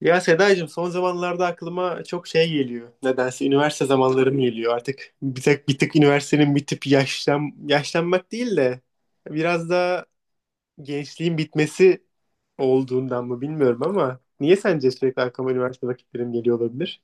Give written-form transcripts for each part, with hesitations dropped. Ya Sedacığım, son zamanlarda aklıma çok şey geliyor. Nedense üniversite zamanlarım geliyor. Artık bir tık üniversitenin bitip yaşlanmak değil de biraz da gençliğin bitmesi olduğundan mı bilmiyorum ama niye sence sürekli aklıma üniversite vakitlerim geliyor olabilir?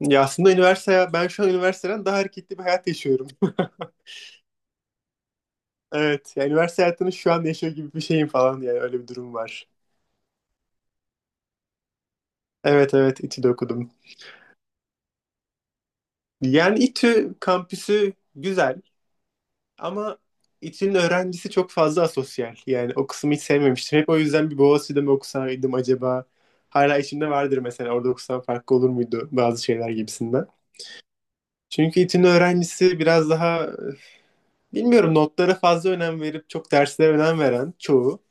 Ya aslında ben şu an üniversiteden daha hareketli bir hayat yaşıyorum. Evet, yani üniversite hayatını şu an yaşıyor gibi bir şeyim falan, yani öyle bir durum var. Evet, evet, İTÜ'de okudum. Yani İTÜ kampüsü güzel. Ama İTÜ'nün öğrencisi çok fazla asosyal. Yani o kısmı hiç sevmemiştim. Hep o yüzden bir Boğaziçi'de mi okusaydım acaba? Hala içimde vardır, mesela orada okusam farklı olur muydu bazı şeyler gibisinden. Çünkü İTÜ'nün öğrencisi biraz daha bilmiyorum, notlara fazla önem verip çok derslere önem veren çoğu.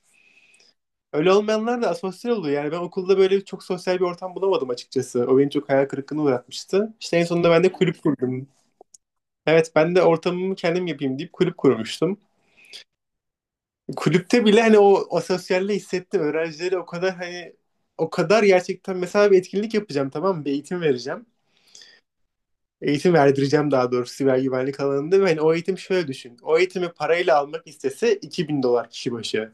Öyle olmayanlar da asosyal oluyor. Yani ben okulda böyle çok sosyal bir ortam bulamadım açıkçası. O beni çok hayal kırıklığına uğratmıştı. İşte en sonunda ben de kulüp kurdum. Evet, ben de ortamımı kendim yapayım deyip kulüp kurmuştum. Kulüpte bile hani o asosyalliği hissettim. Öğrencileri o kadar, hani o kadar gerçekten, mesela bir etkinlik yapacağım, tamam mı? Bir eğitim vereceğim. Eğitim verdireceğim daha doğrusu, siber güvenlik alanında. Ve hani o eğitim şöyle düşün. O eğitimi parayla almak istese 2.000 dolar kişi başı.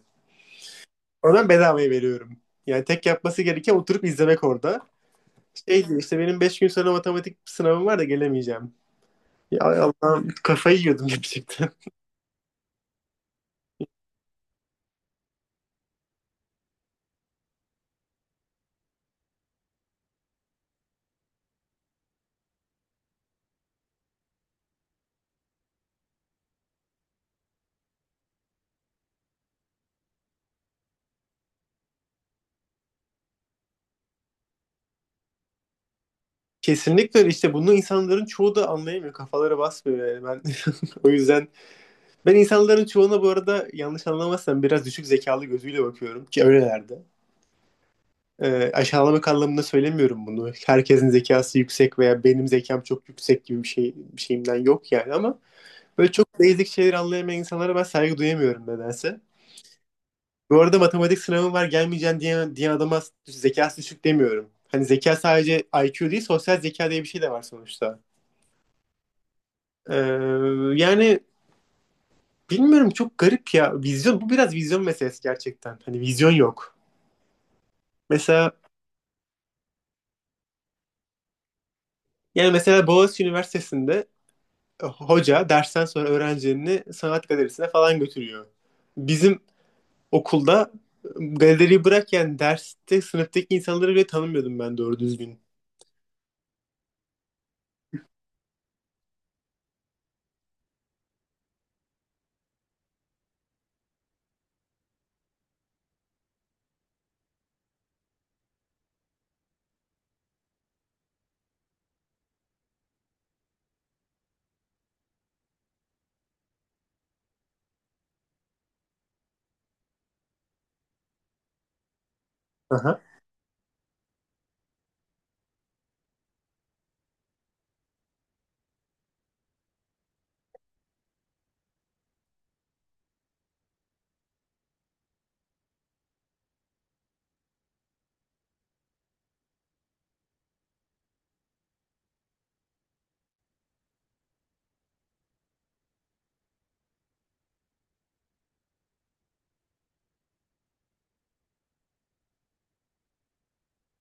Oradan bedavaya veriyorum. Yani tek yapması gereken oturup izlemek orada. Şey diyor işte, benim 5 gün sonra matematik sınavım var da gelemeyeceğim. Ya Allah'ım, kafayı yiyordum gerçekten. Kesinlikle öyle. İşte bunu insanların çoğu da anlayamıyor. Kafaları basmıyor, yani ben. O yüzden ben insanların çoğuna, bu arada, yanlış anlamazsam biraz düşük zekalı gözüyle bakıyorum ki öylelerdi. Aşağılamak anlamında söylemiyorum bunu. Herkesin zekası yüksek veya benim zekam çok yüksek gibi bir şeyimden yok yani, ama böyle çok basic şeyleri anlayamayan insanlara ben saygı duyamıyorum nedense. Bu arada matematik sınavım var gelmeyeceğim diye adama zekası düşük demiyorum. Hani zeka sadece IQ değil, sosyal zeka diye bir şey de var sonuçta. Ee, yani bilmiyorum, çok garip ya. Vizyon bu, biraz vizyon meselesi gerçekten. Hani vizyon yok. Mesela yani mesela Boğaziçi Üniversitesi'nde, hoca dersten sonra öğrencilerini sanat galerisine falan götürüyor. Bizim okulda, galeriyi bırak, yani derste sınıftaki insanları bile tanımıyordum ben doğru düzgün. Aha.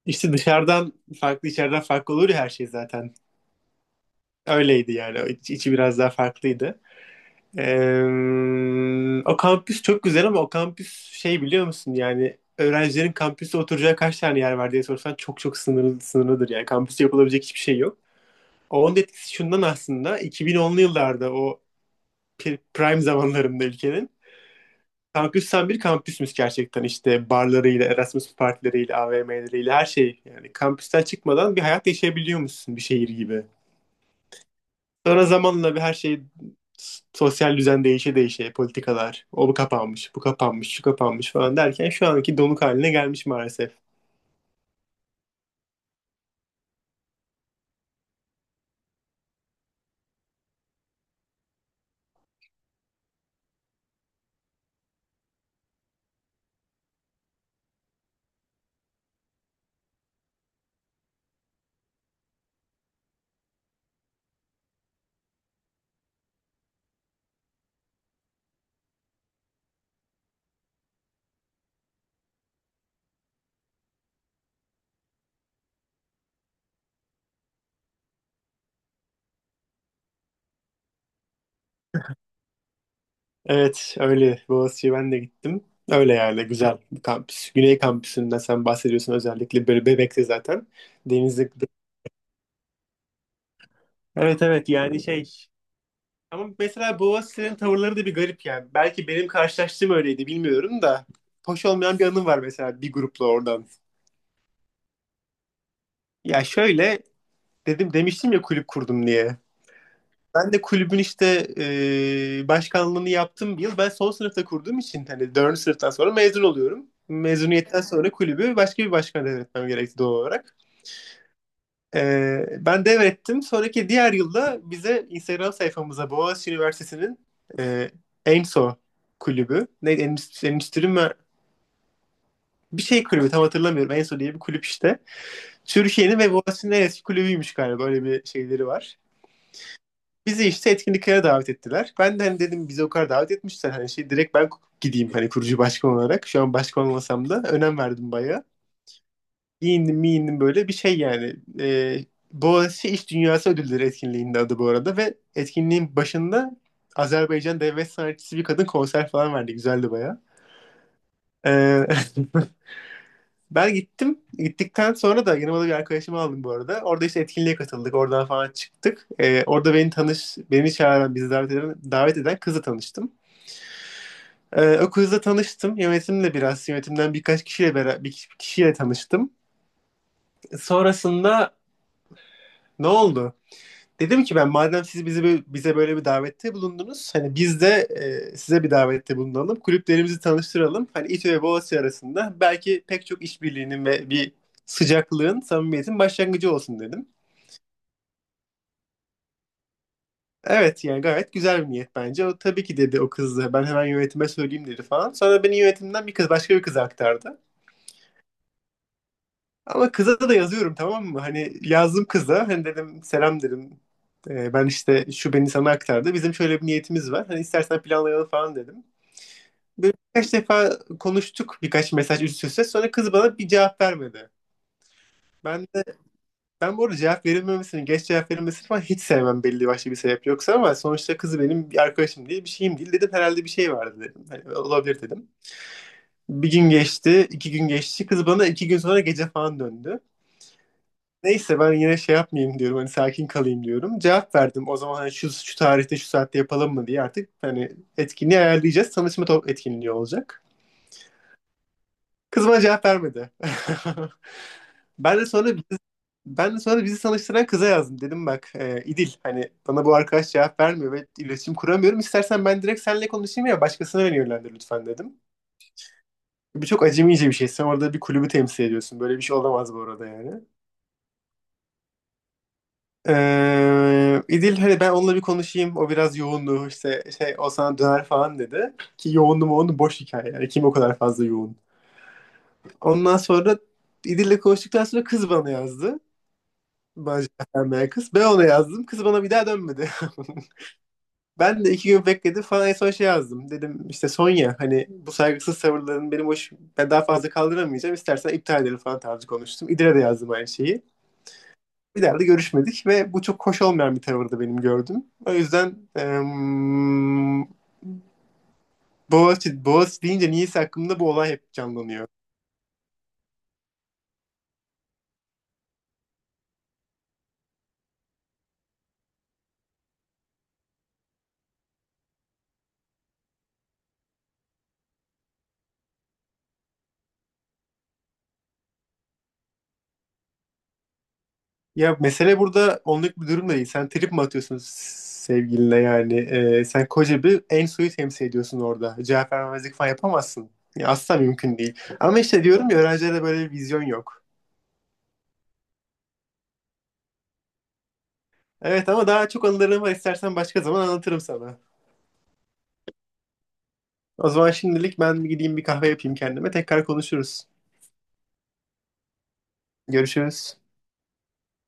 İşte dışarıdan farklı, içeriden farklı olur ya her şey zaten. Öyleydi yani. O içi biraz daha farklıydı. O kampüs çok güzel ama o kampüs şey, biliyor musun, yani öğrencilerin kampüste oturacağı kaç tane yer var diye sorsan çok çok sınırlıdır, yani kampüste yapılabilecek hiçbir şey yok. Onun etkisi şundan, aslında 2010'lu yıllarda, o prime zamanlarında ülkenin, kampüs tam bir kampüsmüş gerçekten, işte barlarıyla, Erasmus partileriyle, AVM'leriyle her şey, yani kampüsten çıkmadan bir hayat yaşayabiliyormuşsun, bir şehir gibi. Sonra zamanla bir her şey, sosyal düzen değişe değişe, politikalar, o bu kapanmış, bu kapanmış, şu kapanmış falan derken şu anki donuk haline gelmiş maalesef. Evet öyle, Boğaziçi'ye ben de gittim. Öyle yerle güzel bir kampüs. Güney kampüsünden sen bahsediyorsun özellikle, böyle Bebek'te zaten. Denizli. Evet, evet, yani şey, ama mesela Boğaziçi'nin tavırları da bir garip yani. Belki benim karşılaştığım öyleydi, bilmiyorum da. Hoş olmayan bir anım var mesela, bir grupla oradan. Ya şöyle, dedim demiştim ya kulüp kurdum diye. Ben de kulübün işte başkanlığını yaptım bir yıl. Ben son sınıfta kurduğum için hani dördüncü sınıftan sonra mezun oluyorum. Mezuniyetten sonra kulübü başka bir başkana devretmem gerekti doğal olarak. Ben devrettim. Sonraki diğer yılda bize, Instagram sayfamıza, Boğaziçi Üniversitesi'nin e, ENSO kulübü. Neydi? Endüstri, endüstri mi? Bir şey kulübü, tam hatırlamıyorum. ENSO diye bir kulüp işte. Türkiye'nin ve Boğaziçi'nin en eski kulübüymüş galiba. Böyle bir şeyleri var. Bizi işte etkinliklere davet ettiler. Ben de hani dedim bizi o kadar davet etmişler. Hani şey, direkt ben gideyim hani, kurucu başkan olarak. Şu an başkan olmasam da önem verdim bayağı. Giyindim miyindim böyle bir şey yani. Boğaziçi İş Dünyası Ödülleri etkinliğinde adı, bu arada. Ve etkinliğin başında Azerbaycan devlet sanatçısı bir kadın konser falan verdi. Güzeldi bayağı. Ee, Ben gittim. Gittikten sonra da yanıma da bir arkadaşımı aldım, bu arada. Orada işte etkinliğe katıldık. Oradan falan çıktık. Orada beni çağıran, bizi davet eden kızla tanıştım. O kızla tanıştım. Yönetimle biraz, yönetimden birkaç kişiyle beraber, bir kişiyle tanıştım. Sonrasında ne oldu? Dedim ki ben, madem siz bizi bize böyle bir davette bulundunuz, hani biz de size bir davette bulunalım. Kulüplerimizi tanıştıralım. Hani İTÜ ve Boğaziçi arasında belki pek çok işbirliğinin ve bir sıcaklığın, samimiyetin başlangıcı olsun dedim. Evet yani, gayet güzel bir niyet bence. O tabii ki dedi, o kız da ben hemen yönetime söyleyeyim dedi falan. Sonra beni yönetimden bir kız başka bir kıza aktardı. Ama kıza da yazıyorum, tamam mı? Hani yazdım kıza. Hani dedim selam dedim. Ben işte, şu beni sana aktardı. Bizim şöyle bir niyetimiz var. Hani istersen planlayalım falan dedim. Böyle birkaç defa konuştuk, birkaç mesaj üst üste. Sonra kız bana bir cevap vermedi. Ben de, ben bu arada cevap verilmemesini, geç cevap verilmesini falan hiç sevmem belli başlı bir sebep yoksa, ama sonuçta kızı benim bir arkadaşım değil, bir şeyim değil dedim. Herhalde bir şey vardı dedim. Hani olabilir dedim. Bir gün geçti, 2 gün geçti. Kız bana 2 gün sonra gece falan döndü. Neyse, ben yine şey yapmayayım diyorum, hani sakin kalayım diyorum. Cevap verdim o zaman, hani şu, şu tarihte şu saatte yapalım mı diye, artık hani etkinliği ayarlayacağız. Tanışma etkinliği olacak. Kız bana cevap vermedi. Ben de sonra bizi, ben de sonra bizi tanıştıran kıza yazdım. Dedim bak, İdil, hani bana bu arkadaş cevap vermiyor ve iletişim kuramıyorum. İstersen ben direkt seninle konuşayım ya başkasına beni yönlendir lütfen dedim. Bu çok acemice bir şey. Sen orada bir kulübü temsil ediyorsun. Böyle bir şey olamaz bu arada, yani. İdil, hani ben onunla bir konuşayım. O biraz yoğundu işte, şey, o sana döner falan dedi. Ki yoğundu mu, onu boş hikaye. Yani kim o kadar fazla yoğun. Ondan sonra, İdil'le konuştuktan sonra, kız bana yazdı. Macerden meğer kız. Ben ona yazdım. Kız bana bir daha dönmedi. Ben de 2 gün bekledim falan, en son şey yazdım. Dedim işte Sonya, hani bu saygısız tavırların benim hoş, ben daha fazla kaldıramayacağım. İstersen iptal edelim falan tarzı konuştum. İdil'e de yazdım aynı şeyi. Bir daha da görüşmedik ve bu çok hoş olmayan bir tavırdı benim gördüm. O yüzden Boğaziçi, Boğaziçi deyince niyeyse aklımda bu olay hep canlanıyor. Ya mesele burada onluk bir durum da değil. Sen trip mi atıyorsun sevgiline yani? Sen koca bir en suyu temsil ediyorsun orada. Cevap vermemezlik falan yapamazsın. Ya asla mümkün değil. Ama işte diyorum ya öğrencilerde böyle bir vizyon yok. Evet, ama daha çok anılarım var. İstersen başka zaman anlatırım sana. O zaman şimdilik ben bir gideyim bir kahve yapayım kendime. Tekrar konuşuruz. Görüşürüz.